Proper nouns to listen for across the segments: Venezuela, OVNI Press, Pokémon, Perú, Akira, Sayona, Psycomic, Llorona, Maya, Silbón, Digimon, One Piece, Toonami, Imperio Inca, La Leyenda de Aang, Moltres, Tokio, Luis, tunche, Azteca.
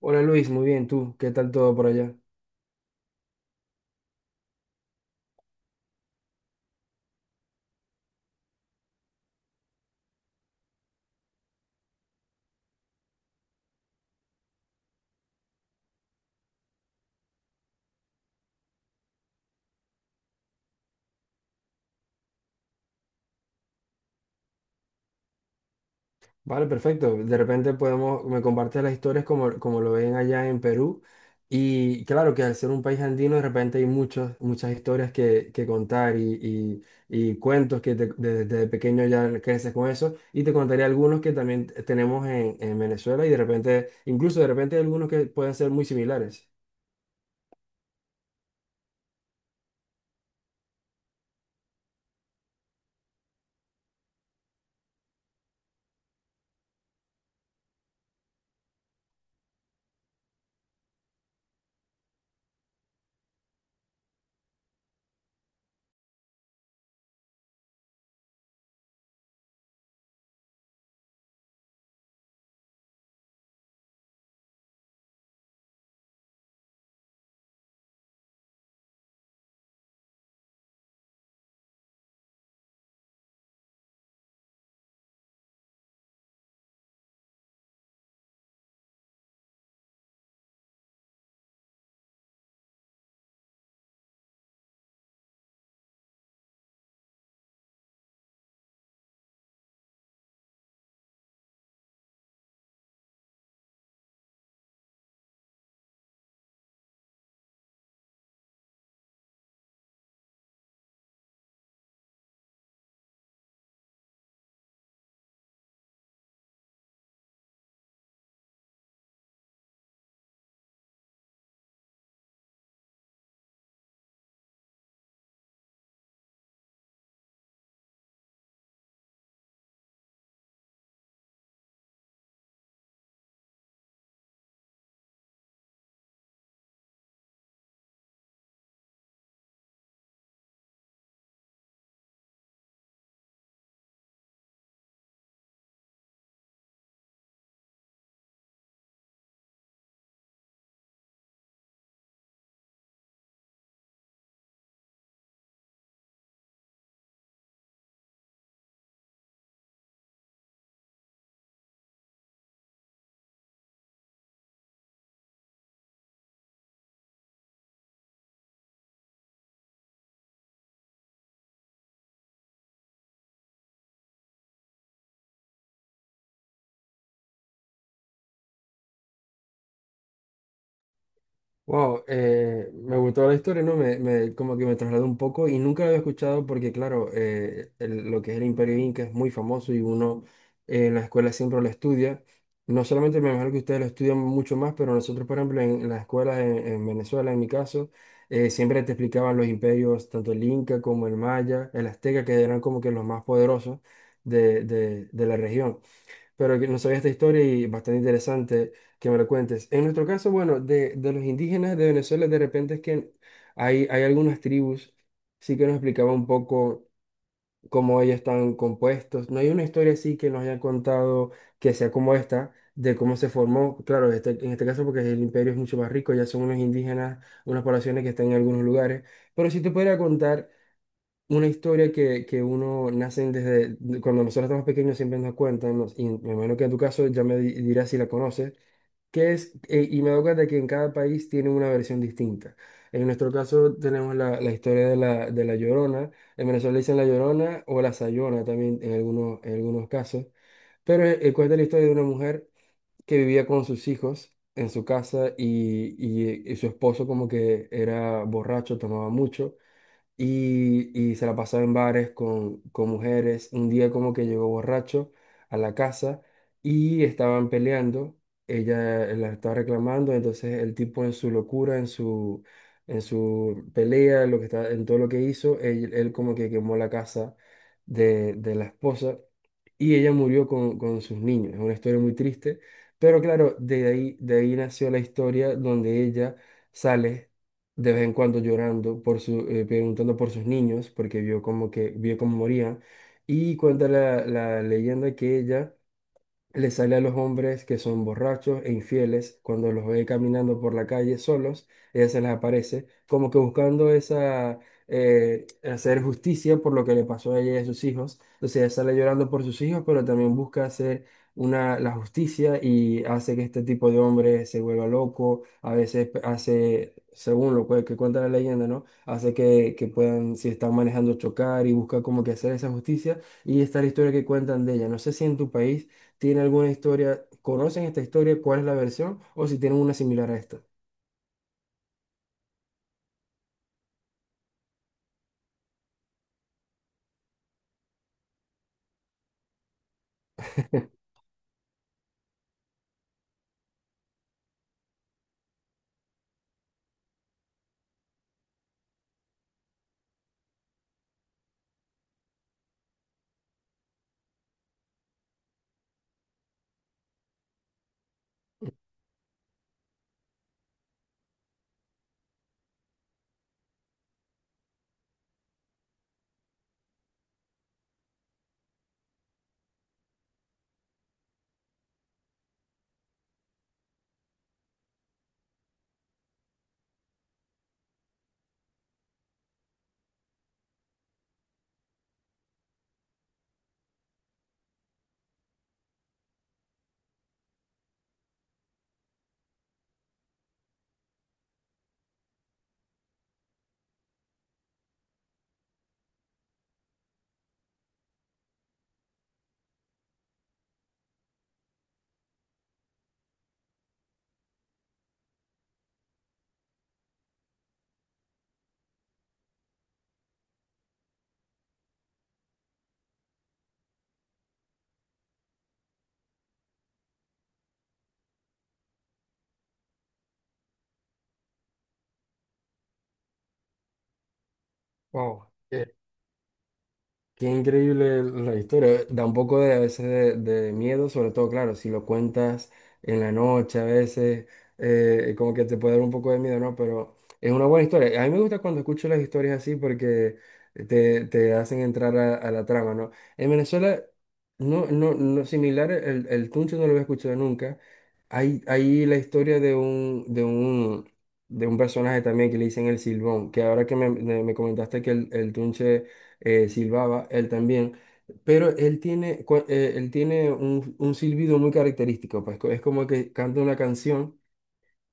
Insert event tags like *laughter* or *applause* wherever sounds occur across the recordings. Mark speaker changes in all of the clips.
Speaker 1: Hola Luis, muy bien, ¿tú? ¿Qué tal todo por allá? Vale, perfecto. De repente podemos, me compartes las historias como, como lo ven allá en Perú. Y claro que al ser un país andino, de repente hay muchas, muchas historias que contar y cuentos que desde pequeño ya creces con eso. Y te contaré algunos que también tenemos en Venezuela y de repente, incluso de repente hay algunos que pueden ser muy similares. Wow, me gustó la historia, ¿no? Como que me trasladó un poco y nunca la había escuchado porque, claro, lo que es el Imperio Inca es muy famoso y uno en la escuela siempre lo estudia. No solamente, me imagino que ustedes lo estudian mucho más, pero nosotros, por ejemplo, en las escuelas en Venezuela, en mi caso, siempre te explicaban los imperios, tanto el Inca como el Maya, el Azteca, que eran como que los más poderosos de la región, pero que no sabía esta historia y bastante interesante que me lo cuentes. En nuestro caso, bueno, de los indígenas de Venezuela, de repente es que hay algunas tribus, sí que nos explicaba un poco cómo ellos están compuestos. No hay una historia así que nos hayan contado que sea como esta, de cómo se formó. Claro, en este caso porque el imperio es mucho más rico, ya son unos indígenas, unas poblaciones que están en algunos lugares, pero sí te podría contar una historia que uno nace desde cuando nosotros estamos pequeños, siempre nos cuentan, y me imagino que en tu caso ya dirás si la conoces, que es, y me doy cuenta que en cada país tiene una versión distinta. En nuestro caso tenemos la, la historia de la Llorona. En Venezuela le dicen la Llorona o la Sayona también en algunos casos. Pero cuenta la historia de una mujer que vivía con sus hijos en su casa, y su esposo como que era borracho, tomaba mucho, y se la pasaba en bares con mujeres. Un día como que llegó borracho a la casa y estaban peleando. Ella la estaba reclamando. Entonces el tipo, en su locura, en su pelea, lo que está, en todo lo que hizo, él como que quemó la casa de la esposa, y ella murió con sus niños. Es una historia muy triste, pero claro, de ahí nació la historia donde ella sale de vez en cuando llorando por su, preguntando por sus niños, porque vio como que vio cómo morían. Y cuenta la, la leyenda que ella le sale a los hombres que son borrachos e infieles. Cuando los ve caminando por la calle solos, ella se les aparece, como que buscando esa, hacer justicia por lo que le pasó a ella y a sus hijos. Entonces ella sale llorando por sus hijos, pero también busca hacer una, la justicia, y hace que este tipo de hombre se vuelva loco. A veces hace, según lo que cuenta la leyenda, ¿no? Hace que puedan, si están manejando, chocar, y busca como que hacer esa justicia. Y esta es la historia que cuentan de ella. No sé si en tu país tiene alguna historia, conocen esta historia, cuál es la versión, o si tienen una similar a esta. *laughs* Wow. Qué increíble la historia. Da un poco de, a veces de miedo, sobre todo, claro, si lo cuentas en la noche a veces, como que te puede dar un poco de miedo, ¿no? Pero es una buena historia. A mí me gusta cuando escucho las historias así, porque te hacen entrar a la trama, ¿no? En Venezuela, no, no, no similar, el tunche no lo había escuchado nunca. Hay la historia de un personaje también que le dicen el Silbón, que ahora que me comentaste que el tunche silbaba él también. Pero él tiene, él tiene un silbido muy característico, pues, es como que canta una canción,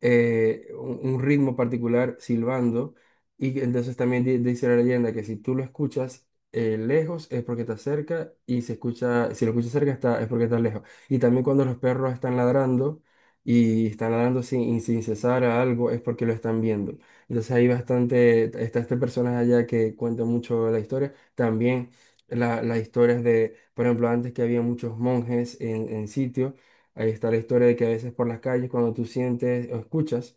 Speaker 1: un ritmo particular silbando. Y que entonces también dice la leyenda que si tú lo escuchas lejos, es porque está cerca, y si escucha, si lo escuchas cerca está, es porque está lejos. Y también cuando los perros están ladrando y están ladrando sin, sin cesar a algo, es porque lo están viendo. Entonces hay bastante, está este personaje allá que cuenta mucho la historia. También las historias de, por ejemplo, antes que había muchos monjes en sitio. Ahí está la historia de que a veces por las calles, cuando tú sientes o escuchas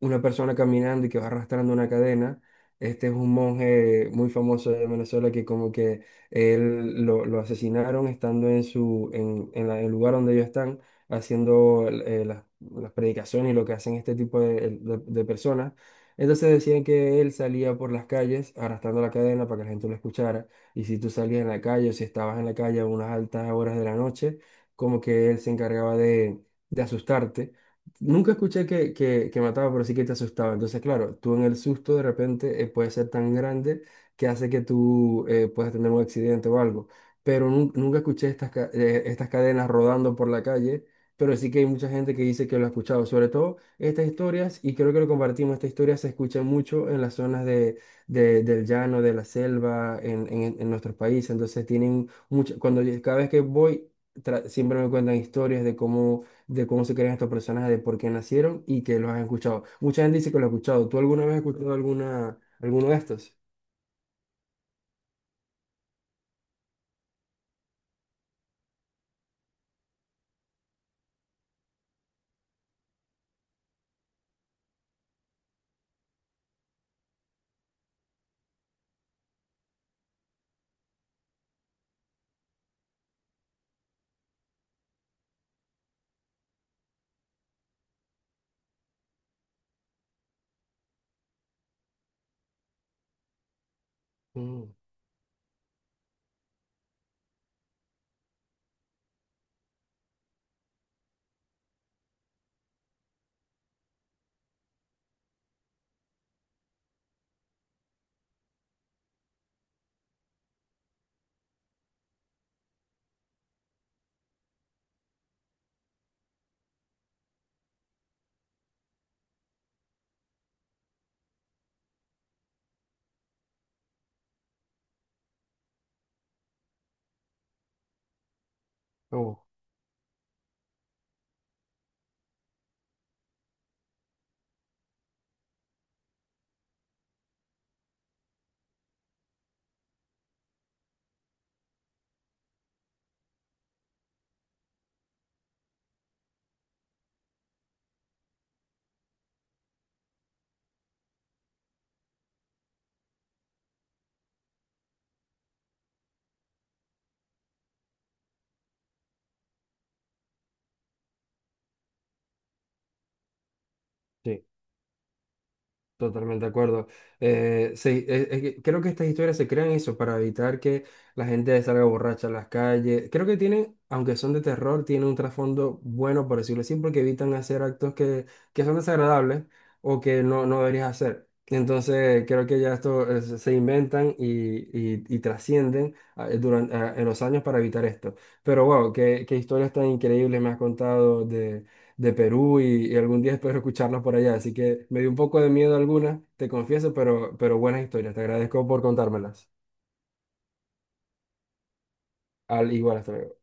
Speaker 1: una persona caminando y que va arrastrando una cadena. Este es un monje muy famoso de Venezuela que como que lo asesinaron estando en su en el lugar donde ellos están haciendo las predicaciones y lo que hacen este tipo de, de personas. Entonces decían que él salía por las calles arrastrando la cadena para que la gente lo escuchara. Y si tú salías en la calle, o si estabas en la calle a unas altas horas de la noche, como que él se encargaba de asustarte. Nunca escuché que, que mataba, pero sí que te asustaba. Entonces, claro, tú en el susto, de repente, puede ser tan grande que hace que tú puedas tener un accidente o algo. Pero nunca escuché estas, estas cadenas rodando por la calle, pero sí que hay mucha gente que dice que lo ha escuchado. Sobre todo estas historias, y creo que lo compartimos, estas historias se escuchan mucho en las zonas de, del llano, de la selva, en nuestros países. Entonces, tienen mucho, cuando cada vez que voy, siempre me cuentan historias de cómo, de cómo se crean estos personajes, de por qué nacieron, y que los has escuchado. Mucha gente dice que lo ha escuchado. ¿Tú alguna vez has escuchado alguna, alguno de estos? Mm, oh, sí. Totalmente de acuerdo. Sí, es que creo que estas historias se crean eso para evitar que la gente salga borracha a las calles. Creo que tienen, aunque son de terror, tienen un trasfondo bueno, por decirlo así, porque evitan hacer actos que son desagradables, o que no, no deberías hacer. Entonces, creo que ya esto, se se inventan y trascienden durante, en los años, para evitar esto. Pero wow, qué, qué historias tan increíbles me has contado de Perú, y algún día espero escucharlos por allá. Así que me dio un poco de miedo algunas, te confieso, pero buenas historias. Te agradezco por contármelas. Al igual, hasta luego.